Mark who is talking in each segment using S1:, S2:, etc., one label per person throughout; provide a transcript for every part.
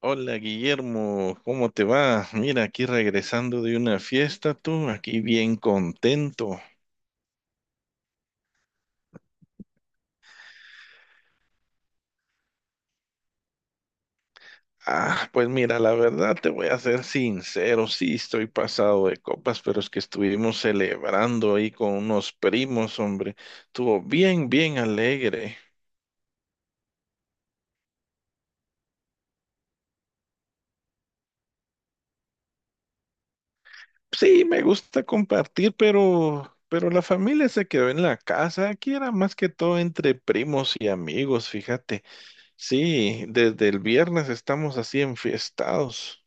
S1: Hola Guillermo, ¿cómo te va? Mira, aquí regresando de una fiesta, tú, aquí bien contento. Ah, pues mira, la verdad te voy a ser sincero, sí estoy pasado de copas, pero es que estuvimos celebrando ahí con unos primos, hombre. Estuvo bien, bien alegre. Sí, me gusta compartir, pero la familia se quedó en la casa. Aquí era más que todo entre primos y amigos, fíjate. Sí, desde el viernes estamos así enfiestados.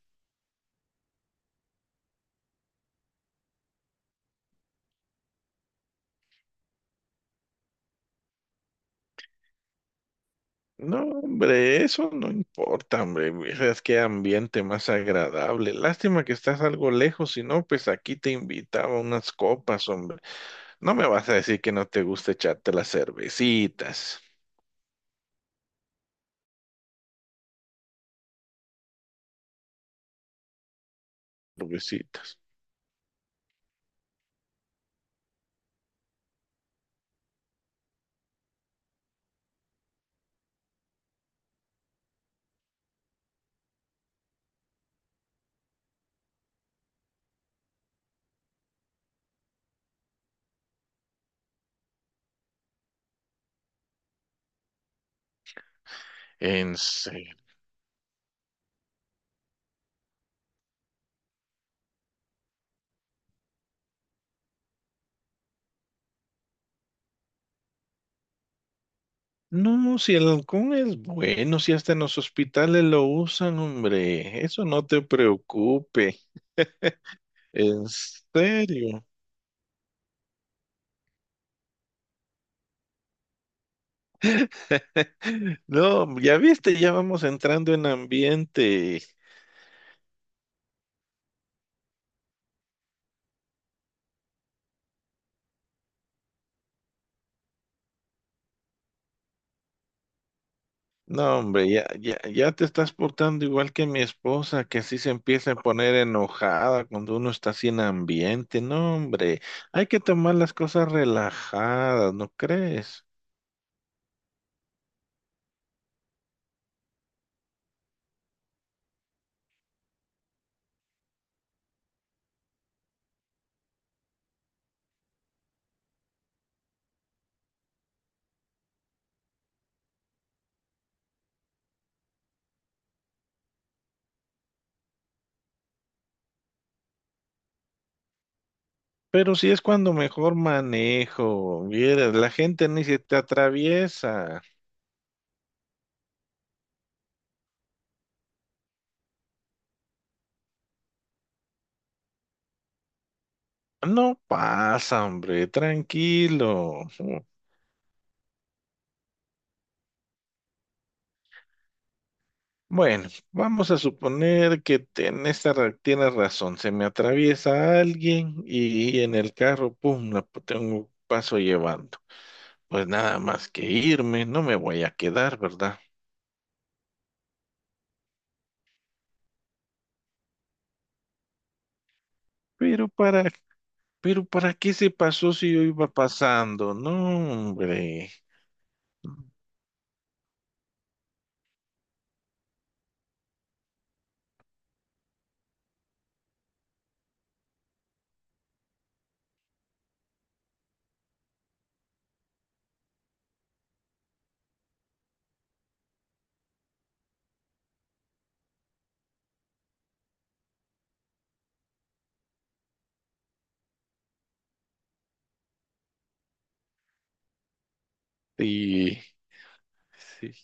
S1: No, hombre, eso no importa, hombre. Es que ambiente más agradable. Lástima que estás algo lejos, si no, pues aquí te invitaba unas copas, hombre. No me vas a decir que no te gusta echarte las cervecitas, cervecitas. En serio. No, no, si el halcón es bueno, si hasta en los hospitales lo usan, hombre. Eso no te preocupe. En serio. No, ya viste, ya vamos entrando en ambiente. No, hombre, ya, ya, ya te estás portando igual que mi esposa, que así se empieza a poner enojada cuando uno está sin ambiente. No, hombre, hay que tomar las cosas relajadas, ¿no crees? Pero si es cuando mejor manejo, vieras, la gente ni se te atraviesa. No pasa, hombre, tranquilo. Bueno, vamos a suponer que en esta tienes razón. Se me atraviesa alguien y, en el carro, pum, la tengo paso llevando. Pues nada más que irme, no me voy a quedar, ¿verdad? Pero para, pero para qué se pasó si yo iba pasando, no, hombre. Y sí.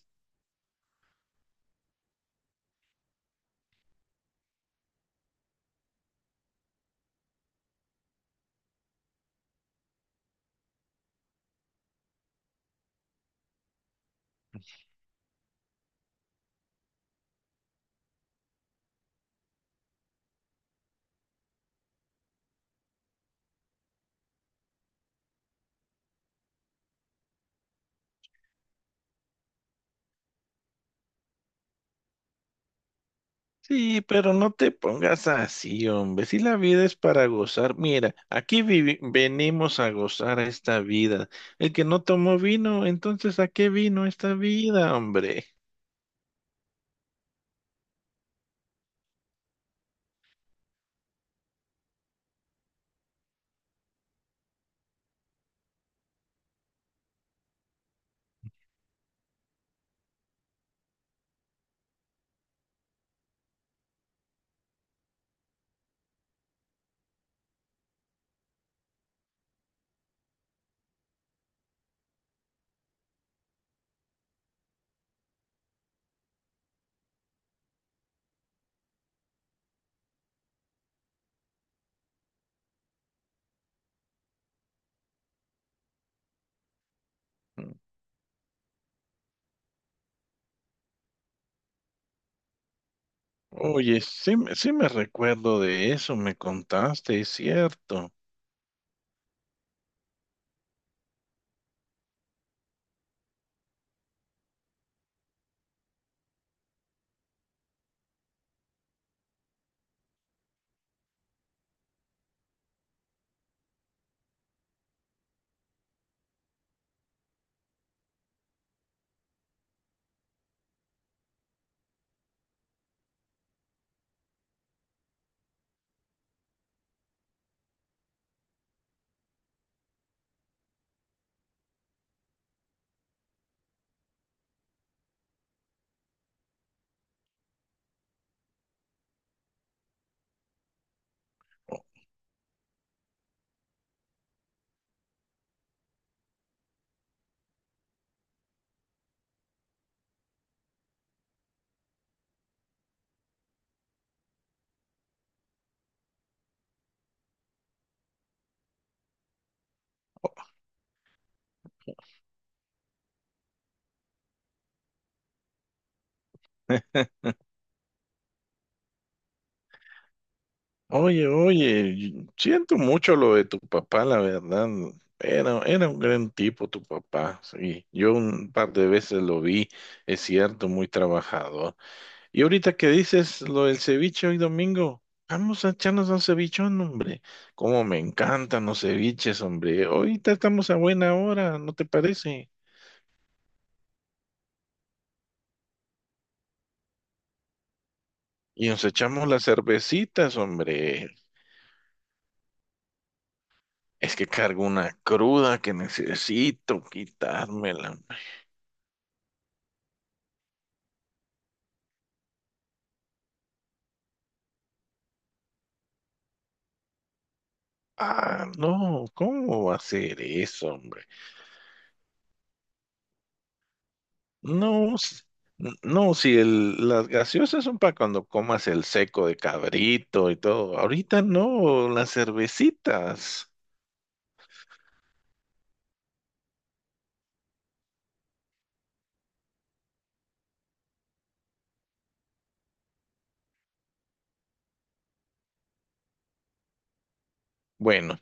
S1: Sí, pero no te pongas así, hombre. Si la vida es para gozar, mira, aquí venimos a gozar esta vida. El que no tomó vino, entonces ¿a qué vino esta vida, hombre? Oye, sí, sí me recuerdo de eso, me contaste, es cierto. Oye, oye, siento mucho lo de tu papá, la verdad. Era un gran tipo tu papá, sí. Yo un par de veces lo vi, es cierto, muy trabajador. Y ahorita que dices lo del ceviche hoy domingo, vamos a echarnos un cevichón, hombre. Cómo me encantan los ceviches, hombre. Ahorita estamos a buena hora, ¿no te parece? Y nos echamos las cervecitas, hombre. Es que cargo una cruda que necesito quitármela. Hombre. Ah, no, ¿cómo va a ser eso, hombre? No, no, si las gaseosas son para cuando comas el seco de cabrito y todo. Ahorita no, las cervecitas. Bueno,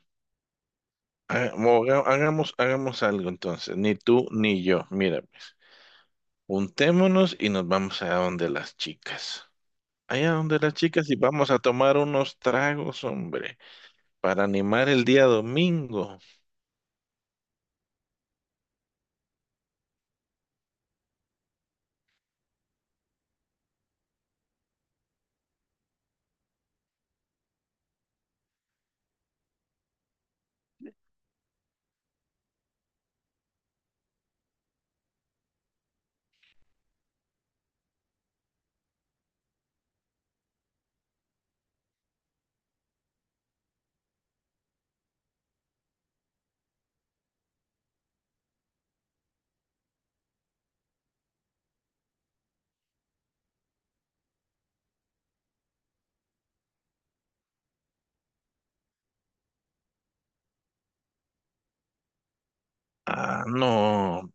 S1: hagamos hagamos algo entonces, ni tú ni yo. Mira, pues, juntémonos y nos vamos allá donde las chicas. Allá donde las chicas y vamos a tomar unos tragos, hombre, para animar el día domingo. Ah, no.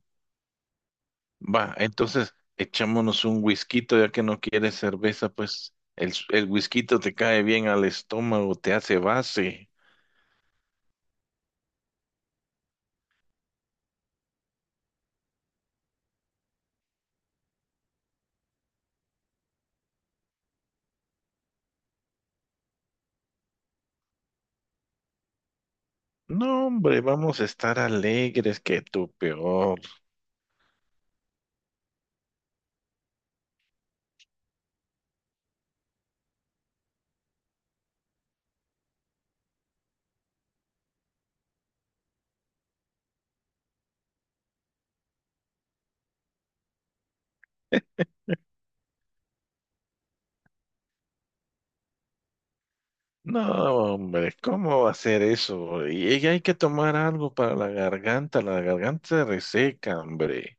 S1: Va, entonces echámonos un whisky, ya que no quieres cerveza, pues el whisky te cae bien al estómago, te hace base. No, hombre, vamos a estar alegres que tú peor. No, hombre, ¿cómo va a ser eso? Y hay que tomar algo para la garganta se reseca, hombre.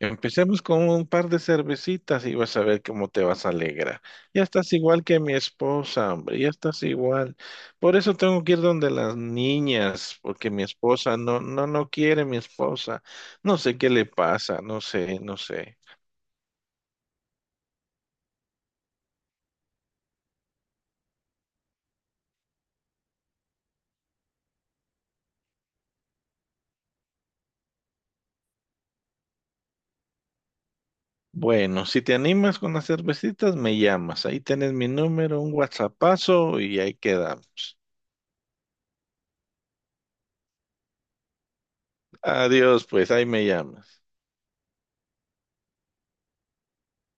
S1: Empecemos con un par de cervecitas y vas a ver cómo te vas a alegrar. Ya estás igual que mi esposa, hombre, ya estás igual. Por eso tengo que ir donde las niñas, porque mi esposa no, no, no quiere mi esposa. No sé qué le pasa, no sé, no sé. Bueno, si te animas con las cervecitas, me llamas. Ahí tienes mi número, un WhatsAppazo y ahí quedamos. Adiós, pues, ahí me llamas.